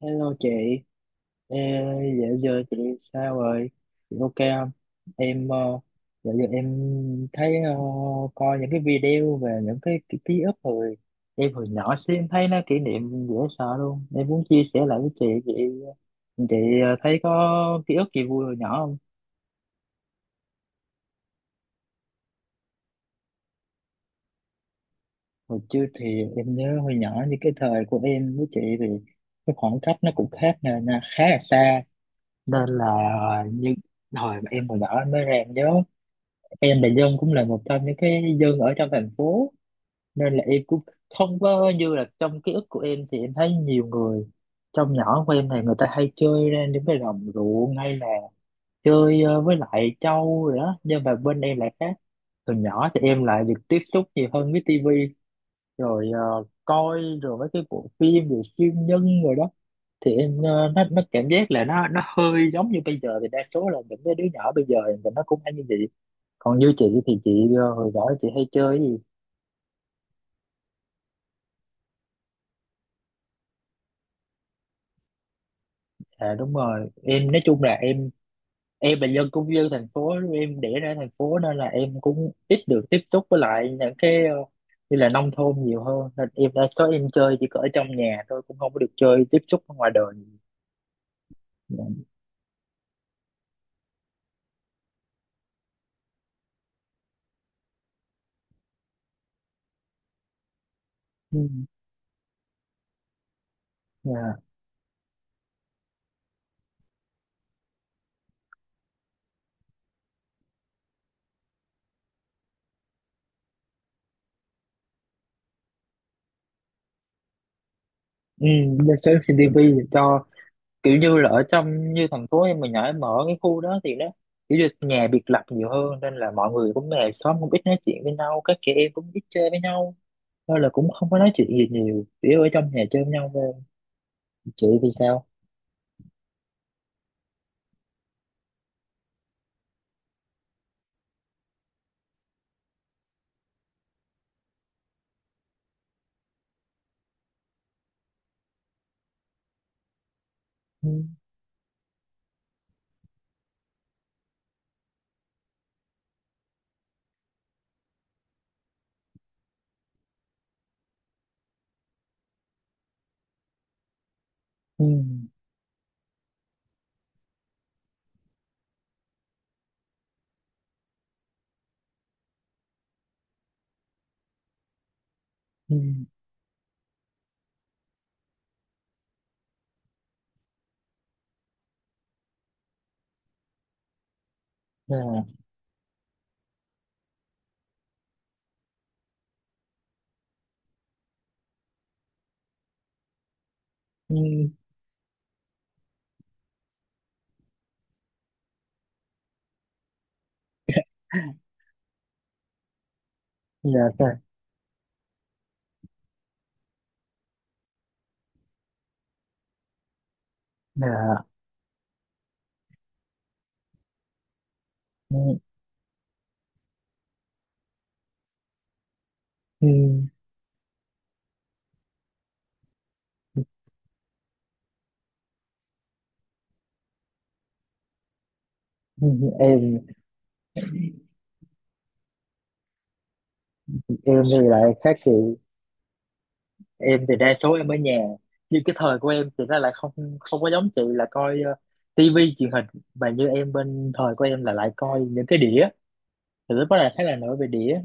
Hello chị. Ê, dạo giờ chị sao rồi? Chị ok không? Em dạo giờ em thấy, coi những cái video về những cái ký ức hồi em hồi nhỏ xíu, em thấy nó kỷ niệm dễ sợ luôn. Em muốn chia sẻ lại với Chị thấy có ký ức gì vui hồi nhỏ không? Hồi trước thì em nhớ hồi nhỏ, như cái thời của em với chị thì cái khoảng cách nó cũng khác nè, khá là xa. Nên là, như hồi mà em hồi nhỏ em mới em nhớ, em là dân cũng là một trong những cái dân ở trong thành phố, nên là em cũng không có như là trong ký ức của em. Thì em thấy nhiều người trong nhỏ của em thì người ta hay chơi ra những cái đồng ruộng, hay là chơi, với lại trâu rồi đó. Nhưng mà bên em lại khác, từ nhỏ thì em lại được tiếp xúc nhiều hơn với tivi, rồi coi rồi mấy cái bộ phim về siêu nhân rồi đó. Thì em, nó cảm giác là nó hơi giống như bây giờ, thì đa số là những cái đứa nhỏ bây giờ thì nó cũng hay như vậy. Còn như chị thì chị, hồi đó chị hay chơi cái gì? À đúng rồi, em nói chung là em là dân, cũng dân thành phố, em đẻ ra thành phố nên là em cũng ít được tiếp xúc với lại những cái, như là nông thôn nhiều hơn, nên em đã có em chơi chỉ có ở trong nhà thôi, cũng không có được chơi tiếp xúc ở ngoài đời. Ừ. Dạ. Ừ. Giờ xem trên tivi, cho kiểu như là ở trong, như thành phố em mình ở, em ở cái khu đó thì nó kiểu như nhà biệt lập nhiều hơn, nên là mọi người cũng về xóm cũng ít nói chuyện với nhau, các chị em cũng ít chơi với nhau thôi. Là cũng không có nói chuyện gì nhiều, chỉ ở trong nhà chơi với nhau thôi. Chị thì sao? Ừ. Ừ. Ừ. À. Ừ. Dạ. Dạ. Dạ. Ừ. Ừ. Ừ. em em thì lại khác chị, em thì đa số em ở nhà. Nhưng cái thời của em thì nó lại không không có giống chị là coi, tivi truyền hình. Mà như em, bên thời của em là lại coi những cái đĩa, thì lúc đó là khá là nổi về đĩa.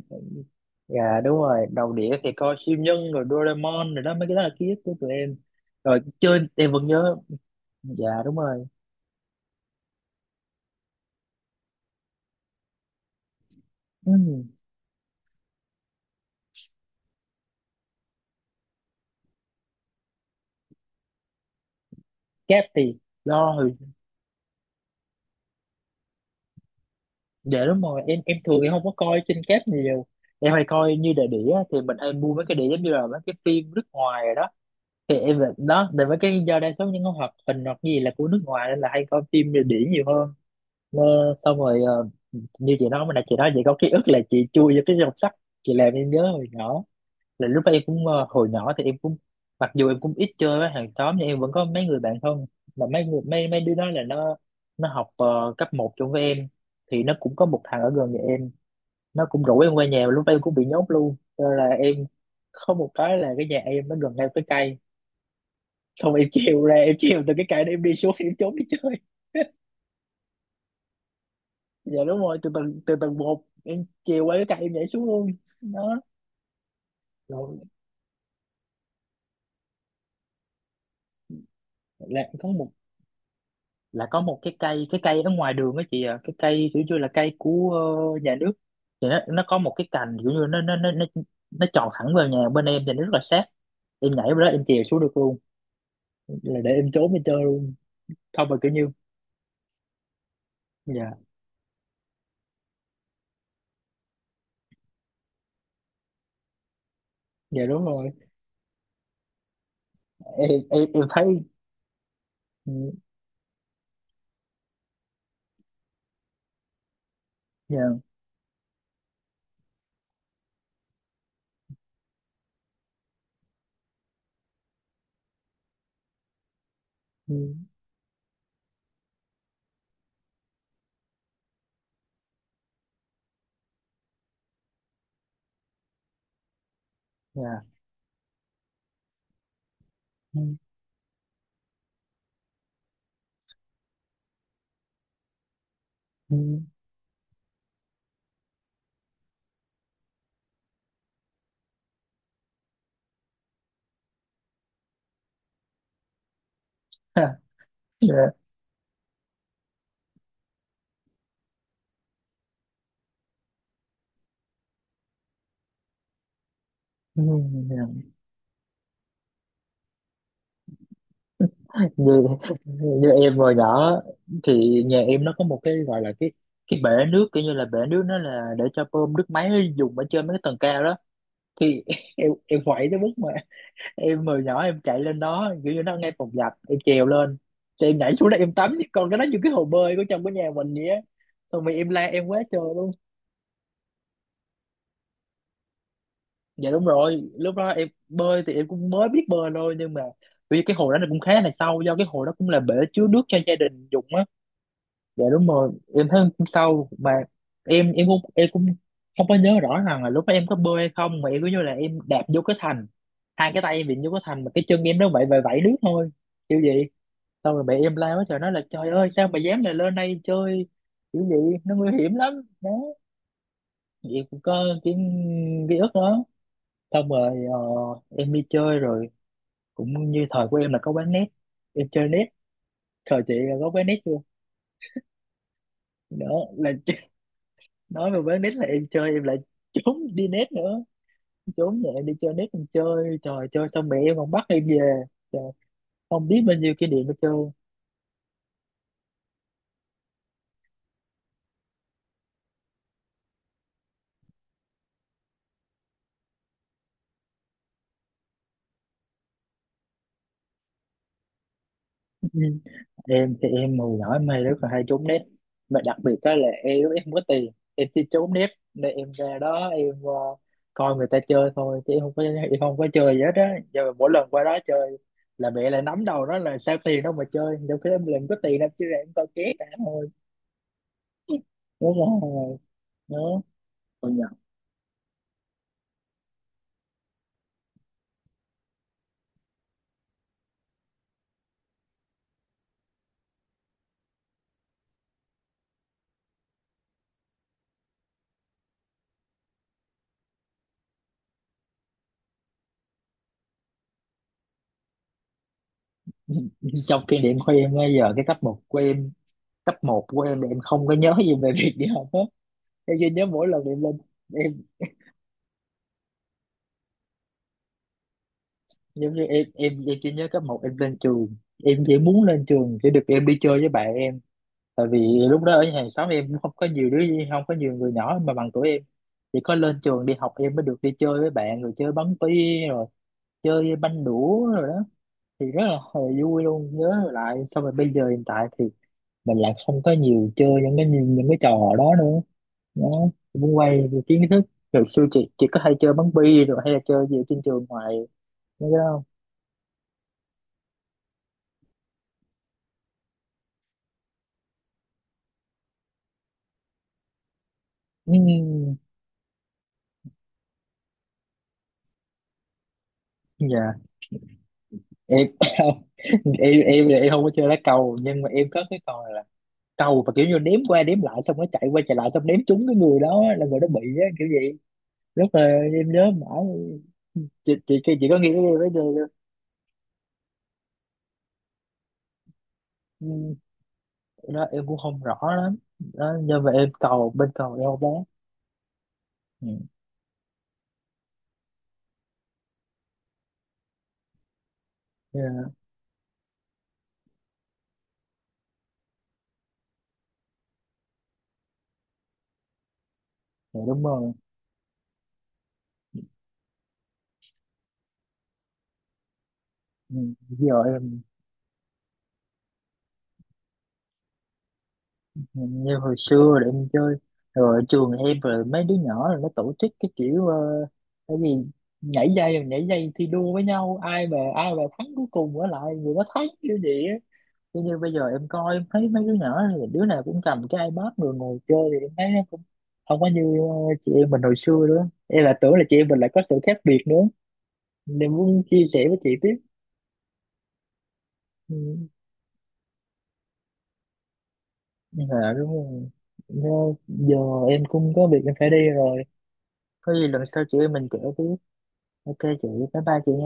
Dạ đúng rồi, đầu đĩa thì coi siêu nhân rồi Doraemon rồi đó, mấy cái đó là ký ức của tụi em. Rồi chơi em vẫn nhớ. Dạ đúng rồi. Ừ. Cáp thì do hồi, dạ đúng rồi, em thường em không có coi trên cáp nhiều. Em hay coi như đĩa, đĩa thì mình hay mua mấy cái đĩa giống như là mấy cái phim nước ngoài rồi đó. Thì em là đó, để mấy cái, do đa số những cái hoạt hình hoặc gì là của nước ngoài nên là hay coi phim như đĩa nhiều hơn. Xong rồi, như chị nói mà nãy chị nói chị có ký ức là chị chui vô cái dòng sách, chị làm em nhớ hồi nhỏ, là lúc đó em cũng, hồi nhỏ thì em cũng, mặc dù em cũng ít chơi với hàng xóm nhưng em vẫn có mấy người bạn thân. Mà mấy người, mấy mấy đứa đó là nó học, cấp một chung với em. Thì nó cũng có một thằng ở gần nhà em, nó cũng rủ em qua nhà, mà lúc ấy em cũng bị nhốt luôn. Cho nên là em có một cái là cái nhà em nó gần ngay cái cây, xong em trèo ra, em trèo từ cái cây đó em đi xuống, em trốn đi chơi. Dạ đúng rồi, từ tầng, từ tầng một em chiều qua cái cây em nhảy xuống luôn. Đó. Rồi là có một, là có một cái cây, cái cây ở ngoài đường á chị, à cái cây kiểu như là cây của nhà nước. Thì nó có một cái cành kiểu như nó tròn thẳng vào nhà bên em thì nó rất là sát, em nhảy vào đó em chèo xuống được luôn, là để em trốn em chơi luôn. Không mà kiểu như... Dạ. Dạ đúng rồi, em thấy. Ừ. Dạ. Ừ. Dạ. Ừ. Ừ. Ha. Dạ. Ừ. Dạ. Như, như em hồi nhỏ thì nhà em nó có một cái gọi là cái bể nước, kiểu như là bể nước nó là để cho bơm nước máy dùng ở trên mấy cái tầng cao đó. Thì em quậy tới mức mà em hồi nhỏ em chạy lên đó, kiểu như nó ngay phòng giặt em trèo lên, thì em nhảy xuống đó em tắm, còn cái đó như cái hồ bơi của trong cái nhà mình vậy á. Xong rồi em la em quá trời luôn. Dạ đúng rồi, lúc đó em bơi thì em cũng mới biết bơi thôi, nhưng mà vì cái hồ đó nó cũng khá là sâu, do cái hồ đó cũng là bể chứa nước cho gia đình dùng á. Dạ đúng rồi, em thấy hôm sau mà, em cũng em cũng không có nhớ rõ rằng là lúc đó em có bơi hay không, mà em cứ như là em đạp vô cái thành, hai cái tay em bị vô cái thành mà cái chân em nó vậy vậy vẫy đứt thôi, kiểu vậy. Xong rồi mẹ em la quá trời, nói là trời ơi sao mà dám lại lên đây chơi, kiểu vậy, nó nguy hiểm lắm. Đó. Thì em cũng có cái ký ức đó. Xong rồi em đi chơi rồi, cũng như thời của em là có quán net, em chơi net. Thời chị là có quán net chưa? Đó, là nói về bán nét, là em chơi em lại trốn đi nét nữa, trốn nhẹ đi chơi nét, em chơi trời chơi, xong mẹ em còn bắt em về. Trời, không biết bao nhiêu kỷ niệm để chơi. Ừ. Em thì em hồi nhỏ em hay rất là hay trốn nét, mà đặc biệt đó là em không có tiền, em chỉ trốn nét nên em ra đó em, coi người ta chơi thôi chứ em không có chơi gì hết á. Giờ mỗi lần qua đó chơi là mẹ lại nắm đầu nó, là sao tiền đâu mà chơi trong khi em làm có tiền đâu, chứ ra em coi ké cả thôi. Đúng rồi. Đó. Trong kinh điển của em bây giờ cái cấp một của em, cấp một của em là em không có nhớ gì về việc đi học hết, em chỉ nhớ mỗi lần em lên, em giống như em chỉ nhớ cấp một em lên trường, em chỉ muốn lên trường để được em đi chơi với bạn em. Tại vì lúc đó ở hàng xóm em cũng không có nhiều đứa, không có nhiều người nhỏ mà bằng tuổi em, chỉ có lên trường đi học em mới được đi chơi với bạn, rồi chơi bắn bi, rồi chơi banh đũa rồi đó. Thì rất là hồi vui luôn nhớ lại. Xong rồi bây giờ hiện tại thì mình lại không có nhiều chơi những cái, những cái trò đó nữa, nó cũng quay về kiến thức. Rồi xưa chị có hay chơi bắn bi, rồi hay là chơi gì ở trên trường ngoài mấy cái đó không? Ừm. Dạ. Em không, em thì em không có chơi lá cầu, nhưng mà em có cái trò là cầu mà kiểu như đếm qua đếm lại, xong nó chạy qua chạy lại, xong đếm trúng cái người đó là người đó bị á, kiểu vậy, rất là em nhớ mãi. Chị có nghĩ cái game đó chưa? Ừm. Đó em cũng không rõ lắm đó, nhưng mà em cầu bên cầu em không bán. Ừ. Dạ đúng rồi. Ừ. Giờ em, như hồi xưa là em chơi rồi ở trường em, rồi mấy đứa nhỏ là nó tổ chức cái kiểu, cái gì, nhảy dây, nhảy dây thi đua với nhau, ai mà thắng cuối cùng ở lại người đó thắng kiểu gì á. Thế như bây giờ em coi em thấy mấy đứa nhỏ thì đứa nào cũng cầm cái iPad rồi ngồi chơi, thì em thấy nó cũng không có như, chị em mình hồi xưa nữa, em là tưởng là chị em mình lại có sự khác biệt nữa, nên muốn chia sẻ với chị tiếp. Ừ. Dạ đúng rồi. Nó- giờ em cũng có việc em phải đi rồi, có gì lần sau chị em mình kể tiếp. Ok chị, bye bye chị nha.